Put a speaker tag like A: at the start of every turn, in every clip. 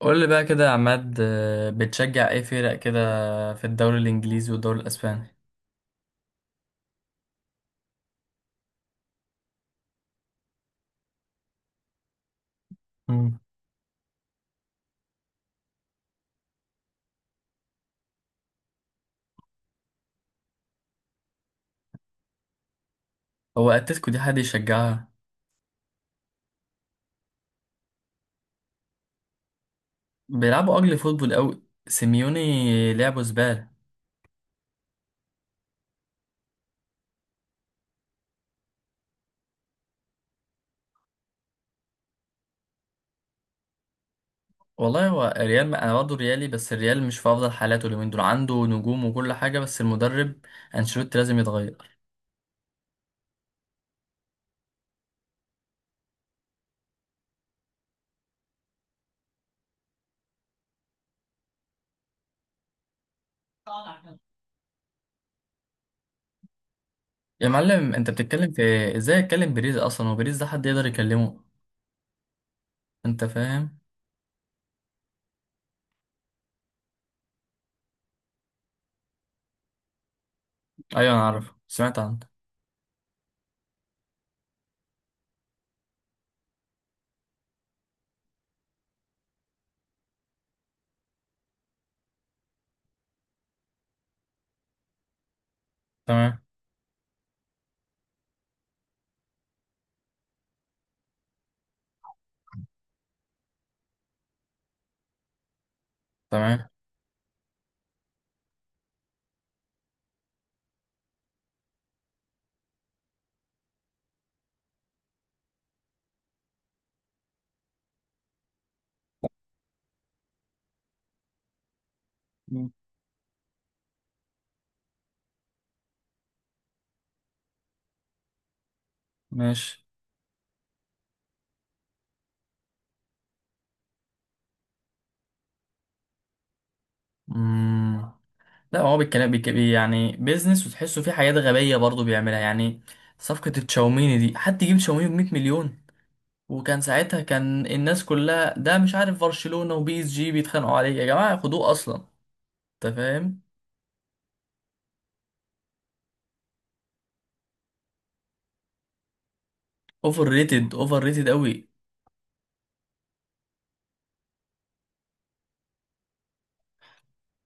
A: قول لي بقى كده يا عماد بتشجع ايه فرق كده في الدوري الانجليزي والدوري الاسباني. مم. هو اتلتيكو دي حد يشجعها؟ بيلعبوا اجل فوتبول قوي سيميوني، لعبه زباله. والله هو الريال، ما انا برضه ريالي، بس الريال مش في افضل حالاته اليومين دول، عنده نجوم وكل حاجه بس المدرب انشيلوتي لازم يتغير. يا معلم انت بتتكلم في إيه؟ ازاي اتكلم بيريز اصلا وبيريز ده حد يقدر يكلمه؟ انت فاهم؟ ايوه انا عارف سمعت عنه. تمام. تمام. مم. ماشي. لا، هو بالكلام يعني بيزنس، وتحسه فيه حاجات غبية برضه بيعملها يعني. صفقة التشاوميني دي حد يجيب تشاوميني بمية مليون؟ وكان ساعتها كان الناس كلها، ده مش عارف، برشلونة وبي اس جي بيتخانقوا عليه يا جماعة، خدوه أصلا. أنت فاهم؟ اوفر ريتد، اوفر ريتد قوي.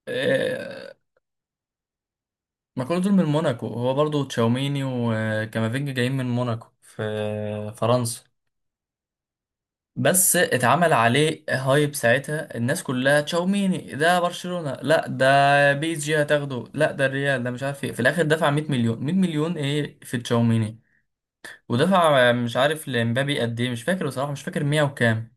A: آه، ما كل دول من موناكو، هو برضه تشاوميني وكامافينجا جايين من موناكو في فرنسا. بس اتعمل عليه هايب، ساعتها الناس كلها تشاوميني ده برشلونة، لا ده بي اس جي هتاخده، لا ده الريال، ده مش عارف ايه. في الاخر دفع 100 مليون. 100 مليون ايه في تشاوميني؟ ودفع مش عارف لمبابي قد ايه، مش فاكر بصراحة، مش فاكر، 100 وكام.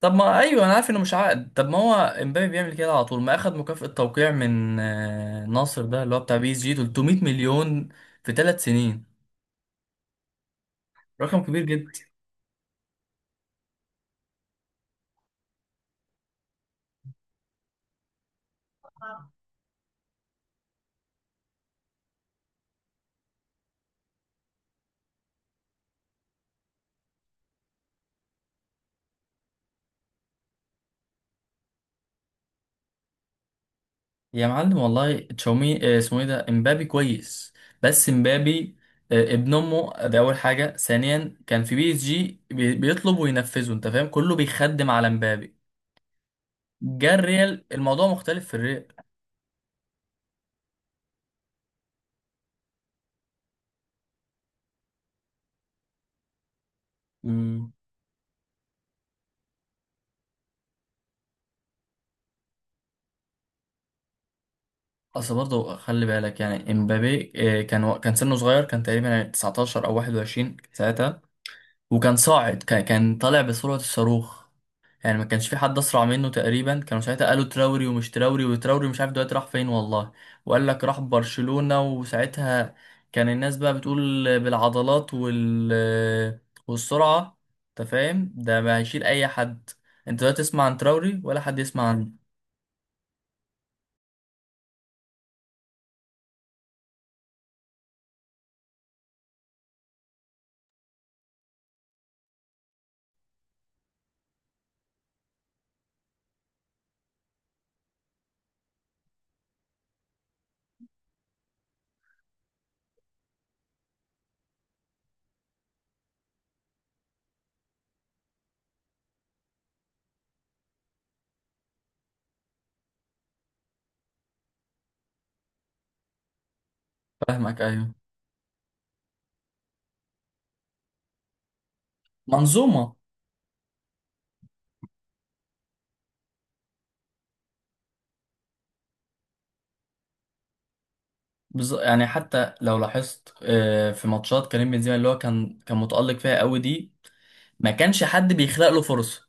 A: طب ما ايوه انا عارف انه مش عقد. طب ما هو امبابي بيعمل كده على طول، ما اخد مكافأة توقيع من ناصر ده اللي هو بتاع بي اس جي 300 مليون في 3 سنين. رقم كبير جدا. يا معلم والله تشاومي اسمه ايه ده، امبابي كويس. بس امبابي ابن امه ده اول حاجه. ثانيا كان في بي اس جي بيطلب وينفذه، انت فاهم، كله بيخدم على امبابي. جه الريال الموضوع مختلف في الريال. مم. اصل برضه خلي بالك يعني امبابي كان كان سنه صغير، كان تقريبا 19 او 21 ساعتها. وكان صاعد، كان طالع بسرعه الصاروخ. يعني ما كانش في حد اسرع منه تقريبا، كانوا ساعتها قالوا تراوري، ومش تراوري، وتراوري مش عارف دلوقتي راح فين والله، وقال لك راح برشلونة، وساعتها كان الناس بقى بتقول بالعضلات والسرعة. انت فاهم، ده ما هيشيل اي حد. انت لا تسمع عن تراوري ولا حد يسمع عنه. فاهمك ايوه. منظومة. يعني حتى لو لاحظت في ماتشات كريم بنزيما اللي هو كان متألق فيها قوي دي، ما كانش حد بيخلق له فرصة.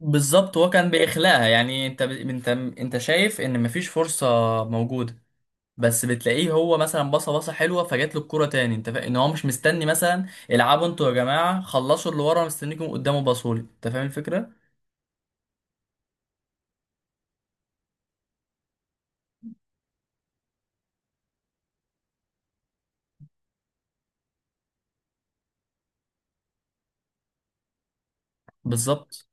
A: بالظبط، هو كان بإخلاقها يعني انت انت شايف ان مفيش فرصة موجودة. بس بتلاقيه هو مثلا بصه بصه حلوه، فجات له الكوره تاني. انت فاهم ان هو مش مستني مثلا، العبوا انتوا يا جماعه خلصوا اللي ورا مستنيكم قدامه باصولي. انت فاهم الفكره؟ بالظبط.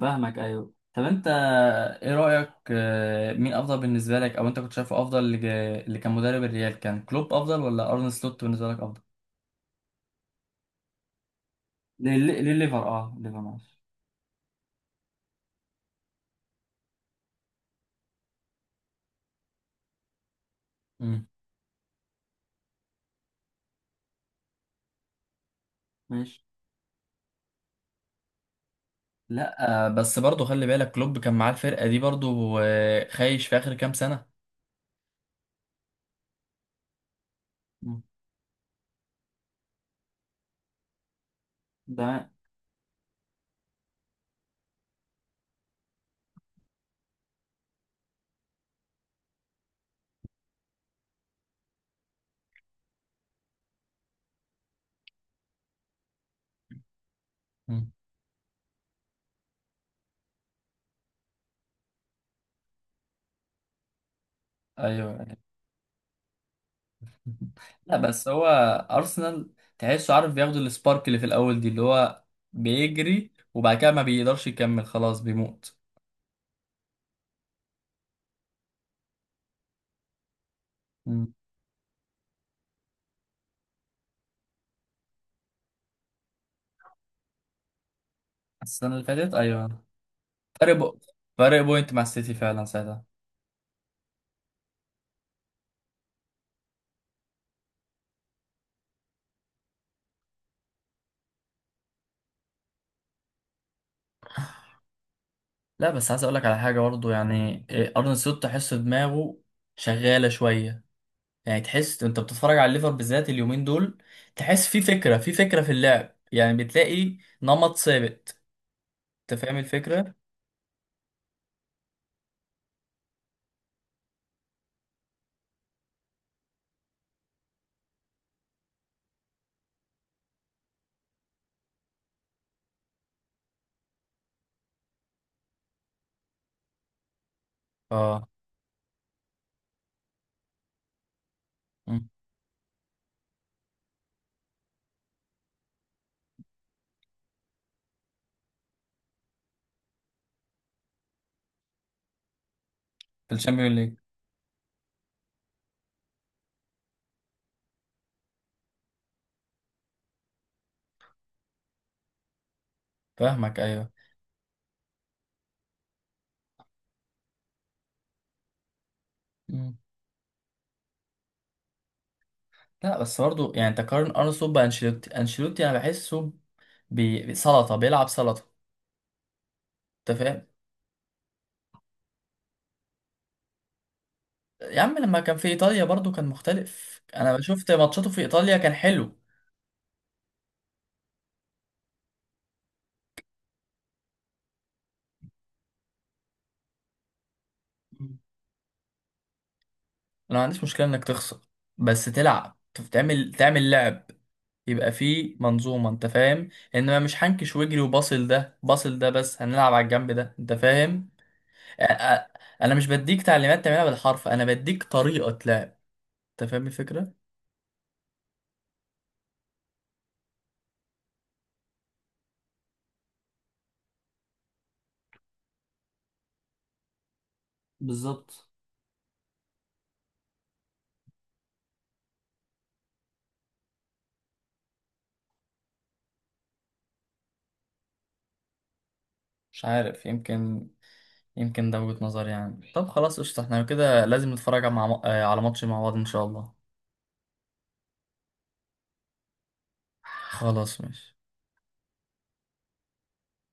A: فاهمك ايوه. طب انت، ايه رايك مين افضل بالنسبه لك، او انت كنت شايفه افضل اللي كان مدرب الريال، كان كلوب افضل ولا ارن سلوت بالنسبه لك افضل؟ للليفر اه. الليفر معلش. مم. ماشي. لا بس برضه خلي بالك كلوب كان معاه الفرقة دي برضه خايش في آخر كام سنة. مم. ده. مم. ايوه أيوة. لا بس هو ارسنال تحسه عارف بياخد السبارك اللي في الاول دي، اللي هو بيجري وبعد كده ما بيقدرش يكمل، خلاص بيموت. مم. السنه اللي فاتت ايوه. فرق بو... فرق بوينت مع السيتي فعلا ساعتها. لا بس عايز اقول لك على حاجه برضه يعني ارن سلوت تحس دماغه شغاله شويه. يعني تحس انت بتتفرج على الليفر بالذات اليومين دول، تحس في فكرة، في فكرة في اللعب، يعني بتلاقي نمط ثابت. انت فاهم الفكرة؟ اه. مم. في الشامبيون ليج. فاهمك ايوه. مم. لا بس برضه يعني تقارن ارسنال بانشيلوتي، انشيلوتي انا بحسه بسلطة، بيلعب سلطة. انت فاهم؟ يا عم لما كان في ايطاليا برضه كان مختلف، انا شفت ماتشاته في ايطاليا كان حلو. مم. انا ما عنديش مشكلة انك تخسر، بس تلعب، تعمل لعب، يبقى في منظومة انت فاهم. انما مش هنكش واجري وباصل ده باصل ده بس هنلعب على الجنب ده، انت فاهم. انا مش بديك تعليمات تعملها بالحرف، انا بديك طريقة لعب. انت فاهم الفكرة؟ بالظبط. مش عارف، يمكن. يمكن ده وجهة نظري يعني. طب خلاص قشطة، احنا كده لازم نتفرج مع... آه، على ماتش مع بعض ان شاء الله. خلاص ماشي.